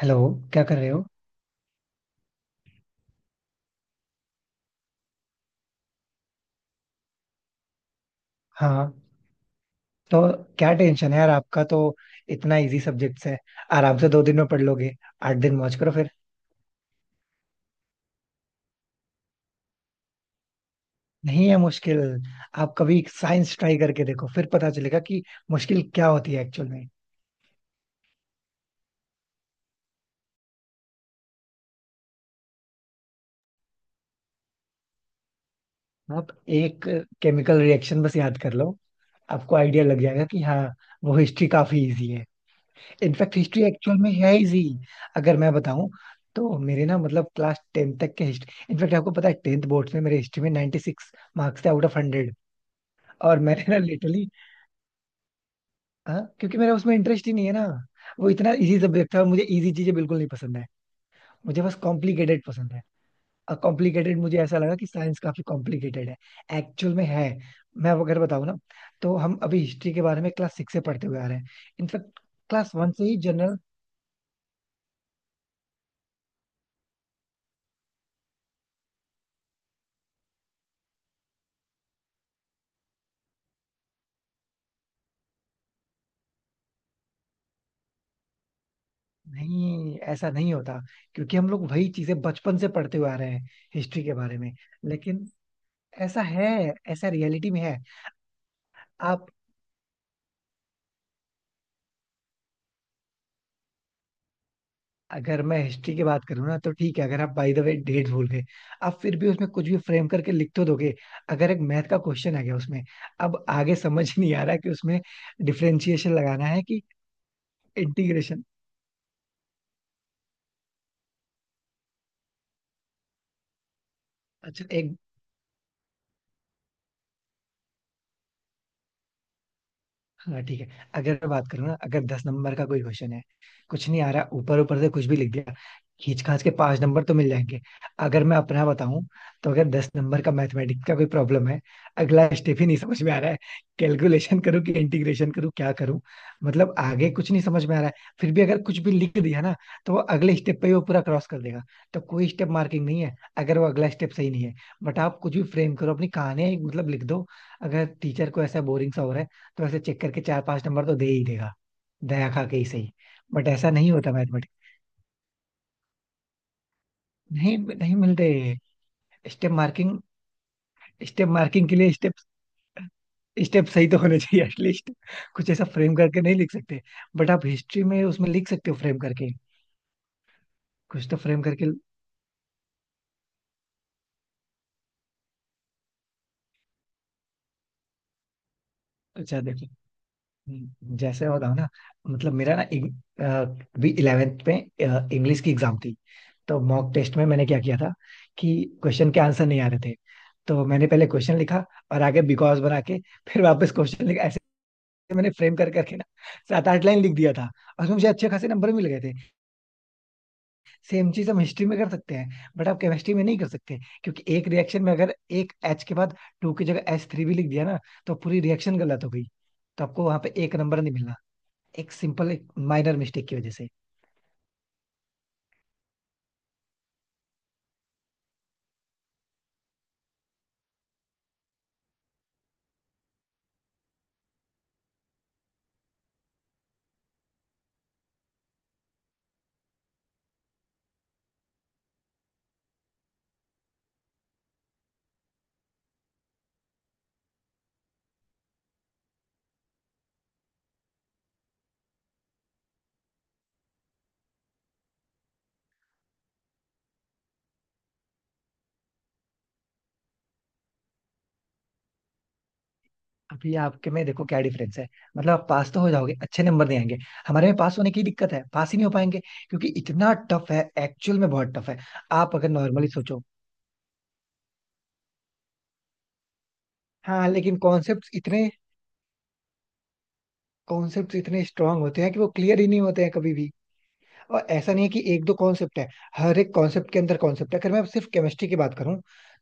Hello. क्या कर रहे हो? हाँ, तो क्या टेंशन है यार आपका, तो इतना इजी सब्जेक्ट्स है। आराम से 2 दिन में पढ़ लोगे, 8 दिन मौज करो फिर। नहीं है मुश्किल। आप कभी साइंस ट्राई करके देखो, फिर पता चलेगा कि मुश्किल क्या होती है एक्चुअल में। आप एक केमिकल रिएक्शन बस याद कर लो, आपको आइडिया लग जाएगा कि हाँ, वो हिस्ट्री काफी इजी है। इनफैक्ट हिस्ट्री एक्चुअल में है इजी, अगर मैं बताऊं। तो मेरे ना, मतलब क्लास टेंथ तक के हिस्ट्री, इनफैक्ट आपको पता है टेंथ बोर्ड में मेरे हिस्ट्री में 96 मार्क्स थे आउट ऑफ 100। और मैंने ना लिटरली, हाँ, क्योंकि मेरा उसमें इंटरेस्ट ही नहीं है ना। वो इतना इजी सब्जेक्ट था, मुझे इजी चीजें बिल्कुल नहीं पसंद है। मुझे बस कॉम्प्लिकेटेड पसंद है। और कॉम्प्लिकेटेड मुझे ऐसा लगा कि साइंस काफी कॉम्प्लिकेटेड है, एक्चुअल में है। मैं अब अगर बताऊँ ना, तो हम अभी हिस्ट्री के बारे में क्लास सिक्स से पढ़ते हुए आ रहे हैं। इनफैक्ट क्लास वन से ही जनरल। नहीं, ऐसा नहीं होता, क्योंकि हम लोग वही चीजें बचपन से पढ़ते हुए आ रहे हैं हिस्ट्री के बारे में। लेकिन ऐसा है, ऐसा रियलिटी में है। आप, अगर मैं हिस्ट्री की बात करूँ ना, तो ठीक है, अगर आप बाय द वे डेट भूल गए, आप फिर भी उसमें कुछ भी फ्रेम करके लिख तो दोगे। अगर एक मैथ का क्वेश्चन आ गया उसमें, अब आगे समझ ही नहीं आ रहा कि उसमें डिफरेंशिएशन लगाना है कि इंटीग्रेशन। अच्छा, एक, हाँ ठीक है। अगर मैं बात करूँ ना, अगर 10 नंबर का कोई क्वेश्चन है, कुछ नहीं आ रहा, ऊपर ऊपर से कुछ भी लिख दिया, खींच खाच के पांच नंबर तो मिल जाएंगे। अगर मैं अपना बताऊं, तो अगर 10 नंबर का मैथमेटिक्स का कोई प्रॉब्लम है, अगला स्टेप ही नहीं समझ में आ रहा है, कैलकुलेशन करूँ कि इंटीग्रेशन करूँ, क्या करूँ, मतलब आगे कुछ नहीं समझ में आ रहा है। फिर भी अगर कुछ भी लिख दिया ना, तो वो अगले स्टेप पे ही वो पूरा क्रॉस कर देगा। तो कोई स्टेप मार्किंग नहीं है अगर वो अगला स्टेप सही नहीं है। बट आप कुछ भी फ्रेम करो, अपनी कहानी मतलब लिख दो, अगर टीचर को ऐसा बोरिंग सा हो रहा है, तो ऐसे चेक करके चार पांच नंबर तो दे ही देगा, दया खा के ही सही। बट ऐसा नहीं होता मैथमेटिक्स, नहीं नहीं मिलते। स्टेप मार्किंग, स्टेप मार्किंग के लिए स्टेप, स्टेप सही तो होने चाहिए एटलीस्ट। कुछ ऐसा फ्रेम करके नहीं लिख सकते। बट आप हिस्ट्री में उसमें लिख सकते हो फ्रेम करके, कुछ तो फ्रेम करके। अच्छा देखो, जैसे मैं बताऊँ ना, मतलब मेरा ना, अ, भी इलेवेंथ में इंग्लिश की एग्जाम थी, तो मॉक टेस्ट में मैंने क्या किया था कि क्वेश्चन के आंसर नहीं आ रहे थे। तो मैंने पहले क्वेश्चन लिखा और आगे बिकॉज बना के, फिर वापस क्वेश्चन लिखा, ऐसे मैंने फ्रेम कर करके ना सात आठ लाइन लिख दिया था, और उसमें मुझे अच्छे खासे नंबर मिल गए थे। सेम चीज हम हिस्ट्री में कर सकते हैं, बट आप केमिस्ट्री में नहीं कर सकते, क्योंकि एक रिएक्शन में अगर एक एच के बाद टू की जगह एच थ्री भी लिख दिया ना, तो पूरी रिएक्शन गलत हो गई, तो आपको वहां पे एक नंबर नहीं मिलना, एक सिंपल एक माइनर मिस्टेक की वजह से। अभी आपके में देखो क्या डिफरेंस है, मतलब आप पास तो हो जाओगे, अच्छे नंबर नहीं आएंगे। हमारे में पास होने की दिक्कत है, पास ही नहीं हो पाएंगे, क्योंकि इतना टफ है, एक्चुअल में बहुत टफ है। आप अगर नॉर्मली सोचो। हाँ लेकिन कॉन्सेप्ट इतने स्ट्रांग होते हैं कि वो क्लियर ही नहीं होते हैं कभी भी। और ऐसा नहीं है कि एक दो कॉन्सेप्ट है, हर एक कॉन्सेप्ट के अंदर कॉन्सेप्ट है। अगर मैं सिर्फ केमिस्ट्री की बात करूं,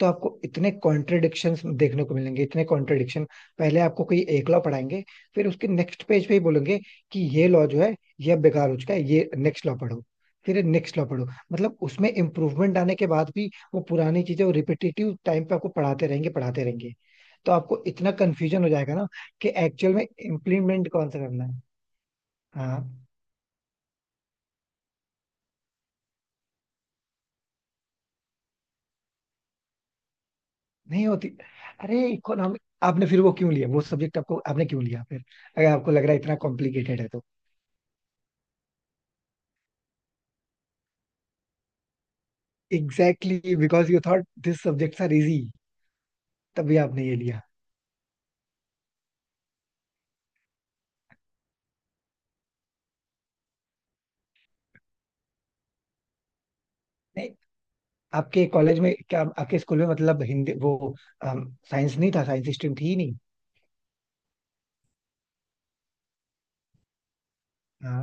तो आपको इतने कॉन्ट्रडिक्शन देखने को मिलेंगे, इतने कॉन्ट्रडिक्शन। पहले आपको कोई एक लॉ पढ़ाएंगे, फिर उसके नेक्स्ट पेज पे ही बोलेंगे कि ये लॉ जो है, ये अब बेकार हो चुका है, ये नेक्स्ट लॉ पढ़ो, फिर नेक्स्ट लॉ पढ़ो। मतलब उसमें इम्प्रूवमेंट आने के बाद भी वो पुरानी चीजें, वो रिपीटेटिव टाइम पे आपको पढ़ाते रहेंगे, पढ़ाते रहेंगे, तो आपको इतना कंफ्यूजन हो जाएगा ना कि एक्चुअल में इम्प्लीमेंट कौन सा करना है। हाँ, नहीं होती। अरे इकोनॉमिक आपने फिर वो क्यों लिया, वो सब्जेक्ट आपको, आपने क्यों लिया फिर, अगर आपको लग रहा है इतना कॉम्प्लिकेटेड है तो। Exactly, because you thought this subjects are easy, तभी आपने ये लिया। नहीं, आपके कॉलेज में क्या, आपके स्कूल में मतलब, हिंदी वो, साइंस नहीं था, साइंस स्ट्रीम थी ही नहीं। हाँ।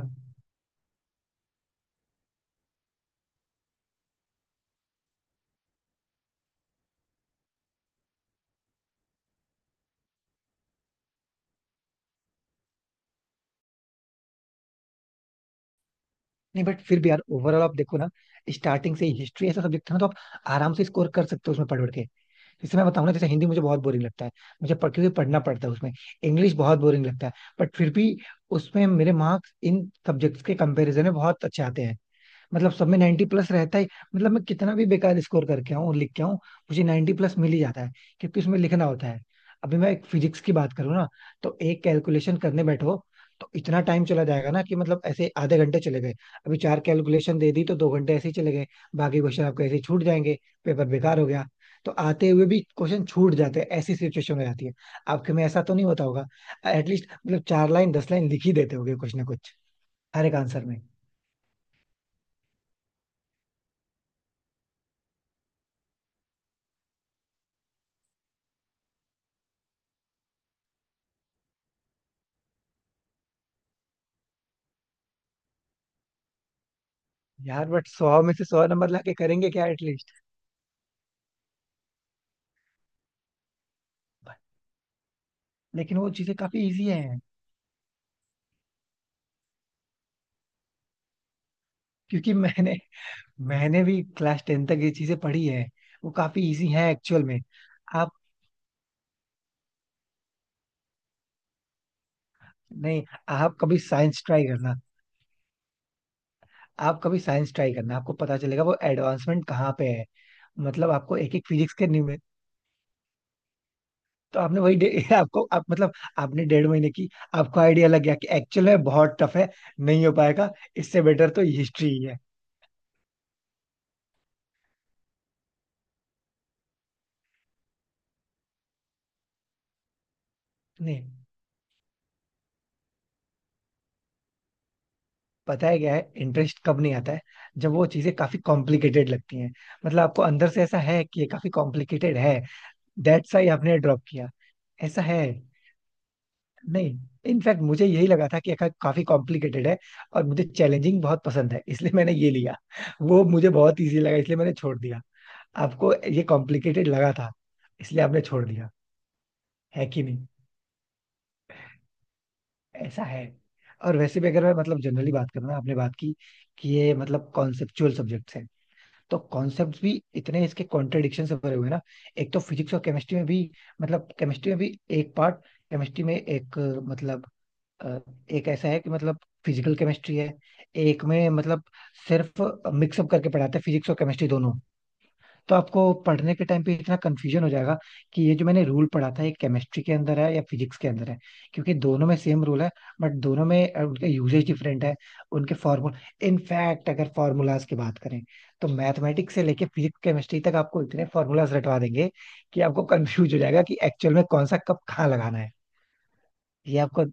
नहीं बट फिर भी यार, ओवरऑल आप देखो ना, स्टार्टिंग से ही हिस्ट्री ऐसा सब्जेक्ट था ना, तो आप आराम से स्कोर कर सकते हो उसमें पढ़ पढ़ के। जैसे मैं बताऊँ ना, जैसे हिंदी मुझे बहुत बोरिंग लगता है, मुझे पढ़, क्योंकि पढ़ना पड़ता है उसमें। इंग्लिश बहुत बोरिंग लगता है, बट फिर भी उसमें मेरे मार्क्स इन सब्जेक्ट्स के कंपैरिजन में बहुत अच्छे आते हैं। मतलब सब में 90 प्लस रहता ही, मतलब मैं कितना भी बेकार स्कोर करके आऊँ, लिख के आऊँ, मुझे 90 प्लस मिल ही जाता है, क्योंकि उसमें लिखना होता है। अभी मैं एक फिजिक्स की बात करूँ ना, तो एक कैलकुलेशन करने बैठो, तो इतना टाइम चला जाएगा ना, कि मतलब ऐसे आधे घंटे चले गए, अभी चार कैलकुलेशन दे दी, तो 2 घंटे ऐसे ही चले गए, बाकी क्वेश्चन आपके ऐसे ही छूट जाएंगे, पेपर बेकार हो गया। तो आते हुए भी क्वेश्चन छूट जाते हैं, ऐसी सिचुएशन हो जाती है। आपके में ऐसा तो नहीं होता होगा, एटलीस्ट मतलब चार लाइन, 10 लाइन लिख ही देते होगे कुछ ना कुछ हर एक आंसर में। यार, बट 100 में से 100 नंबर लाके करेंगे क्या एटलीस्ट। लेकिन वो चीजें काफी इजी हैं, क्योंकि मैंने मैंने भी क्लास 10 तक ये चीजें पढ़ी हैं। वो काफी इजी हैं एक्चुअल में। आप, नहीं, आप कभी साइंस ट्राई करना, आप कभी साइंस ट्राई करना, आपको पता चलेगा वो एडवांसमेंट कहाँ पे है। मतलब आपको एक एक फिजिक्स के न्यू में, तो आपने वही आपको आप मतलब, आपने डेढ़ महीने की, आपको आइडिया लग गया कि एक्चुअल में बहुत टफ है, नहीं हो पाएगा। इससे बेटर तो हिस्ट्री ही है। नहीं, पता है क्या है? इंटरेस्ट कब नहीं आता है? जब वो चीजें काफी कॉम्प्लिकेटेड लगती हैं, मतलब आपको अंदर से ऐसा है कि ये काफी कॉम्प्लिकेटेड है, दैट्स व्हाई आपने ड्रॉप किया। ऐसा है, नहीं, इनफैक्ट मुझे यही लगा था कि ये काफी कॉम्प्लिकेटेड है, और मुझे चैलेंजिंग बहुत पसंद है, इसलिए मैंने ये लिया। वो मुझे बहुत इजी लगा, इसलिए मैंने छोड़ दिया। आपको ये कॉम्प्लिकेटेड लगा था, इसलिए आपने छोड़ दिया। है कि नहीं, ऐसा है। और वैसे भी, अगर मैं मतलब जनरली बात करूँ ना, आपने बात की कि ये मतलब कॉन्सेप्चुअल सब्जेक्ट्स है, तो कॉन्सेप्ट्स भी इतने इसके कॉन्ट्रडिक्शन से भरे हुए हैं ना। एक तो फिजिक्स और केमिस्ट्री में भी, मतलब केमिस्ट्री में भी एक पार्ट, केमिस्ट्री में एक, मतलब अ, एक ऐसा है कि, मतलब फिजिकल केमिस्ट्री है, एक में मतलब सिर्फ मिक्सअप करके पढ़ाते हैं फिजिक्स और केमिस्ट्री दोनों। तो आपको पढ़ने के टाइम पे इतना कंफ्यूजन हो जाएगा कि ये जो मैंने रूल पढ़ा था, ये केमिस्ट्री के अंदर है या फिजिक्स के अंदर है, क्योंकि दोनों में सेम रूल है, बट दोनों में उनका यूजेज डिफरेंट है, उनके फॉर्मूल। इनफैक्ट अगर फॉर्मूलाज की बात करें, तो मैथमेटिक्स से लेके फिजिक्स केमिस्ट्री तक आपको इतने फॉर्मूलाज रटवा देंगे कि आपको कंफ्यूज हो जाएगा कि एक्चुअल में कौन सा कब कहाँ लगाना है। ये आपको,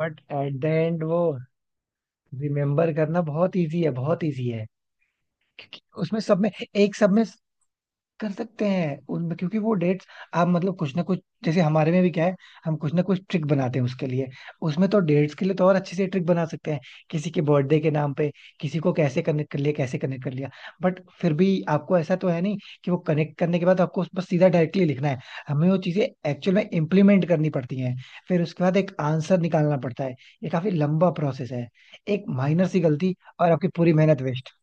बट एट द एंड वो रिमेम्बर करना बहुत इजी है, बहुत इजी है, क्योंकि उसमें सब में, एक सब में कर सकते हैं उनमें, क्योंकि वो डेट्स, आप मतलब कुछ ना कुछ, जैसे हमारे में भी क्या है, हम कुछ ना कुछ ट्रिक बनाते हैं उसके लिए, उसमें तो डेट्स के लिए तो और अच्छे से ट्रिक बना सकते हैं, किसी के बर्थडे के नाम पे, किसी को, कैसे कनेक्ट कर लिया, कैसे कनेक्ट कर लिया। बट फिर भी आपको ऐसा तो है नहीं कि वो कनेक्ट करने के बाद आपको बस सीधा डायरेक्टली लिखना है। हमें वो चीजें एक्चुअल में इम्प्लीमेंट करनी पड़ती हैं, फिर उसके बाद एक आंसर निकालना पड़ता है, ये काफी लंबा प्रोसेस है। एक माइनर सी गलती, और आपकी पूरी मेहनत वेस्ट।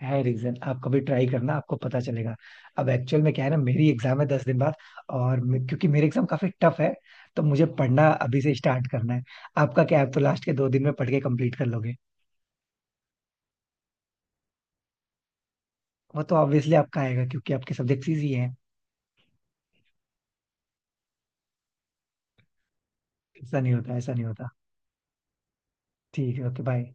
है रीजन, आप कभी ट्राई करना, आपको पता चलेगा। अब एक्चुअल में क्या है ना, मेरी एग्जाम है 10 दिन बाद, और क्योंकि मेरे एग्जाम काफी टफ है, तो मुझे पढ़ना अभी से स्टार्ट करना है। आपका क्या है, आप तो लास्ट के 2 दिन में पढ़ के कंप्लीट कर लोगे। वो तो ऑब्वियसली आपका आएगा, क्योंकि आपके सब्जेक्ट्स इजी हैं। ऐसा नहीं होता, ऐसा नहीं होता। ठीक है, ओके, बाय।